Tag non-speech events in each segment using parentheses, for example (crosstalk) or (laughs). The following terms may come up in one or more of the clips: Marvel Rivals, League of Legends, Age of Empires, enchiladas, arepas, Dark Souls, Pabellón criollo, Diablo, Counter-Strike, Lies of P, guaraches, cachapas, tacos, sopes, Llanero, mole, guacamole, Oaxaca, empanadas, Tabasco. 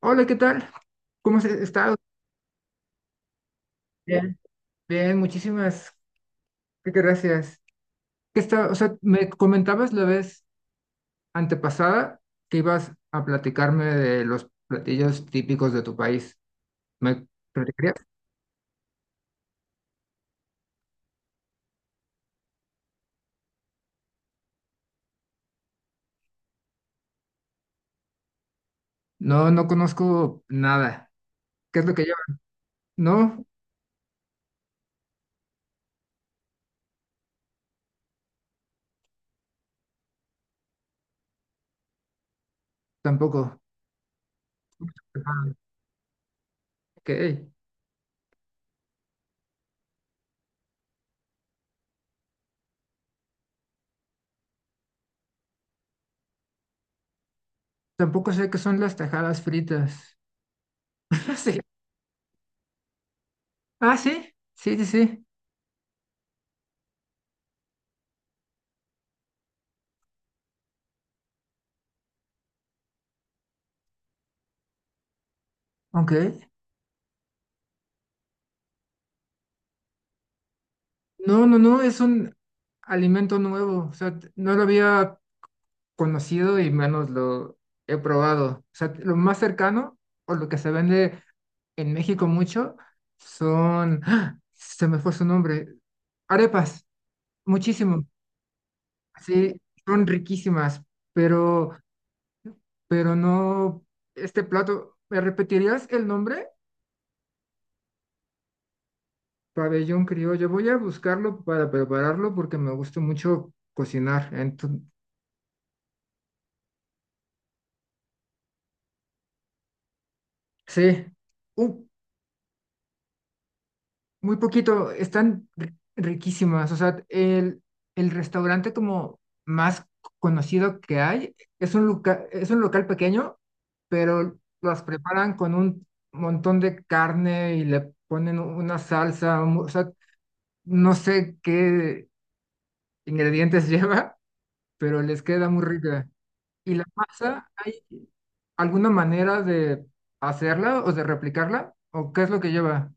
Hola, ¿qué tal? ¿Cómo has estado? Bien, bien, muchísimas gracias. ¿Qué está, o sea, me comentabas la vez antepasada que ibas a platicarme de los platillos típicos de tu país? ¿Me platicarías? No, no conozco nada. ¿Qué es lo que lleva? No, tampoco. Ah, ok. Tampoco sé qué son las tajadas fritas. (laughs) Sí. Ah, sí. Sí, sí, sí. Ok. No, no, no, es un alimento nuevo. O sea, no lo había conocido y menos lo he probado. O sea, lo más cercano o lo que se vende en México mucho son, ¡ah!, se me fue su nombre, arepas, muchísimo. Sí, son riquísimas, pero, pero no, este plato, ¿me repetirías el nombre? Pabellón criollo, voy a buscarlo para prepararlo porque me gusta mucho cocinar. Entonces, sí, un muy poquito, están riquísimas. O sea, el restaurante como más conocido que hay es un es un local pequeño, pero las preparan con un montón de carne y le ponen una salsa. O sea, no sé qué ingredientes (laughs) lleva, pero les queda muy rica. Y la masa, ¿hay alguna manera de hacerla o de replicarla? ¿O qué es lo que lleva?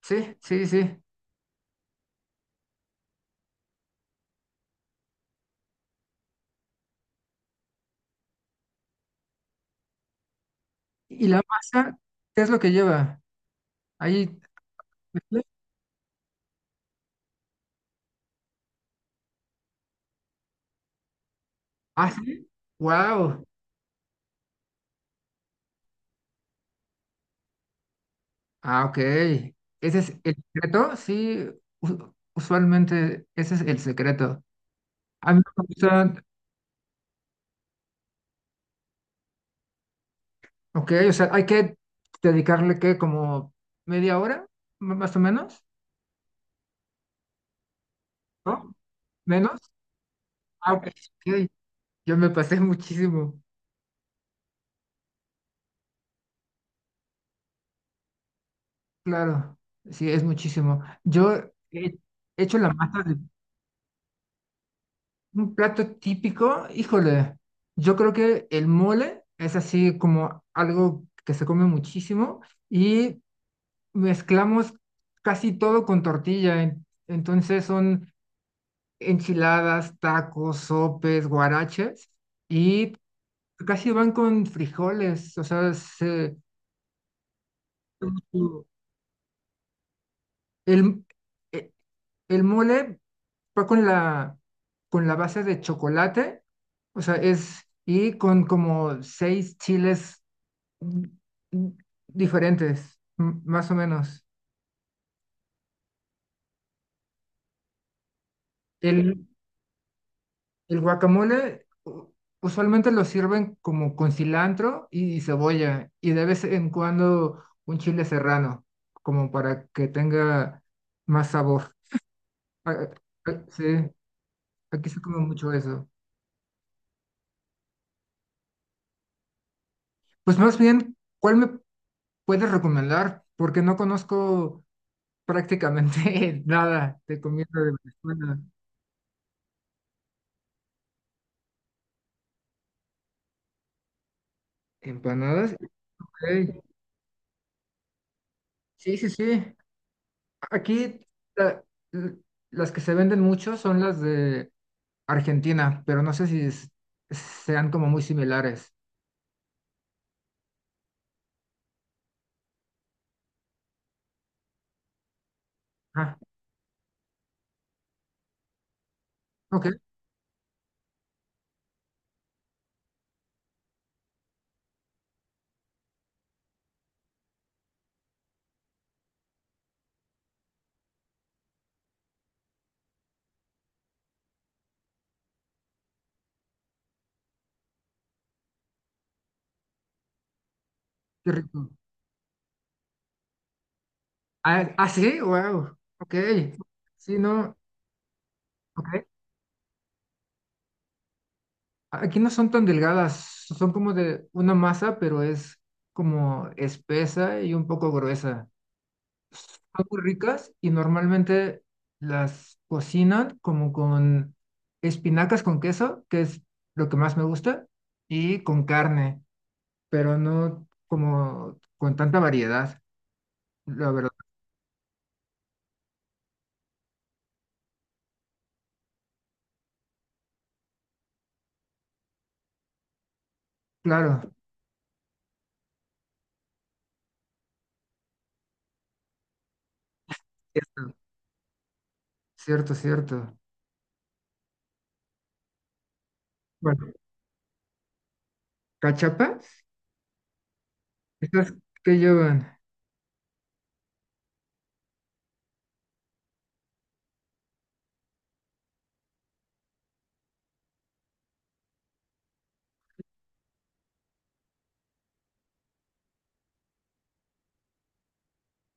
Sí, sí, sí. ¿Y la masa qué es lo que lleva? Ahí. Ah, sí. Wow. Ah, ok. ¿Ese es el secreto? Sí, usualmente ese es el secreto. A mí me gusta. Ok, o sea, hay que dedicarle que como media hora, más o menos, ¿no? Menos. Ah, ok, ok. Yo me pasé (laughs) muchísimo. Claro, sí, es muchísimo. Yo he he hecho la masa. Un plato típico, híjole, yo creo que el mole es así como algo que se come muchísimo, y mezclamos casi todo con tortilla. Entonces son enchiladas, tacos, sopes, guaraches y casi van con frijoles. O sea, el, e- el mole va con la base de chocolate, o sea, es, y con como seis chiles mm, mm, diferentes, más o menos. El, el guacamole usualmente lo sirven como con cilantro y cebolla y de vez en cuando un chile serrano, como para que tenga más sabor. Ah, ah, sí, aquí se come mucho eso. Pues más bien, ¿cuál me puedes recomendar? Porque no conozco prácticamente (laughs) nada de comida de Venezuela. Empanadas, ok. Sí, sí, sí. Aquí la- l- las que se venden mucho son las de Argentina, pero no sé si sean como muy similares. Ah, ok, qué rico. Ah, ah, sí, wow, ok. Sí, no, ok. Aquí no son tan delgadas, son como de una masa, pero es como espesa y un poco gruesa. Son muy ricas y normalmente las cocinan como con espinacas con queso, que es lo que más me gusta, y con carne, pero no como con tanta variedad, la verdad. Claro, cierto, cierto, cierto. Bueno, cachapas, estas que llevan.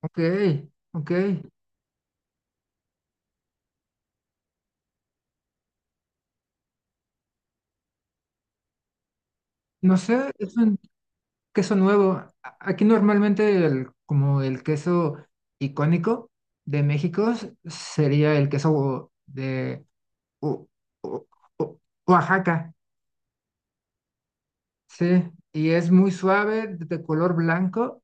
Ok, ok. No sé, eso queso nuevo. Aquí normalmente el, como el queso icónico de México sería el queso de O- O- O- Oaxaca, sí, y es muy suave, de color blanco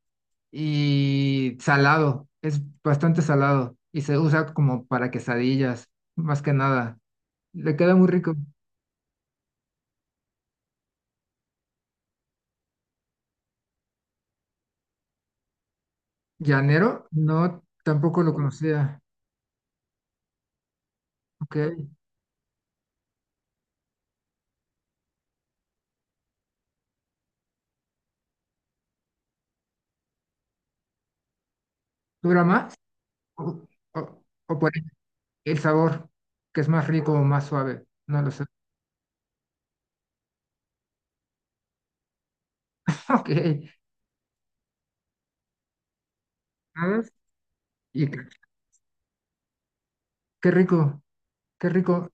y salado, es bastante salado y se usa como para quesadillas, más que nada. Le queda muy rico. Llanero, no, tampoco lo conocía. Ok, ¿dura más? ¿O, o, o por el sabor, que es más rico o más suave, no lo sé. (laughs) Ok, ¿sabes? Y qué, qué rico, qué rico,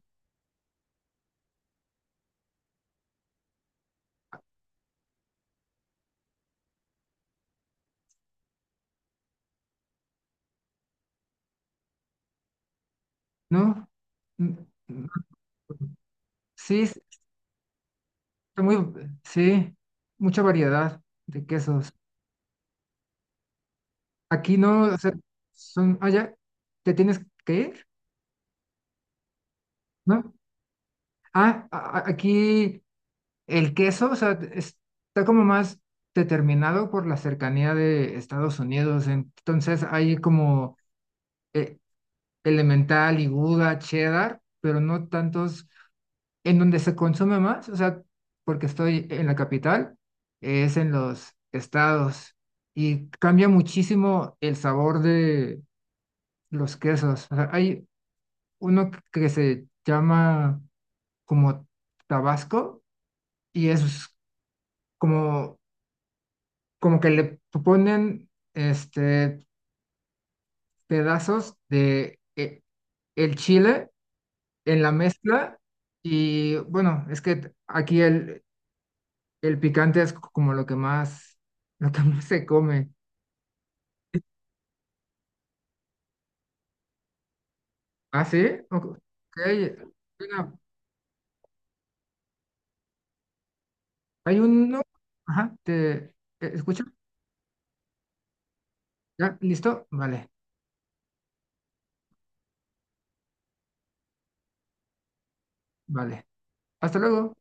¿no? Mm, mm, sí, está muy, sí, mucha variedad de quesos. Aquí no, o sea, son, allá, te tienes que ir, ¿no? Ah, aquí el queso, o sea, está como más determinado por la cercanía de Estados Unidos, entonces hay como... eh, Elemental y Gouda, Cheddar, pero no tantos. En donde se consume más, o sea, porque estoy en la capital, es en los estados, y cambia muchísimo el sabor de los quesos. O sea, hay uno que se llama como Tabasco y es como, como que le ponen este pedazos de el chile en la mezcla y bueno, es que aquí el picante es como lo que más, (laughs) lo que más se come. ¿Ah, sí? Ok. Hay una- hay uno. Ajá, ¿te, te escucho? ¿Ya? ¿Listo? Vale, vale. Hasta luego.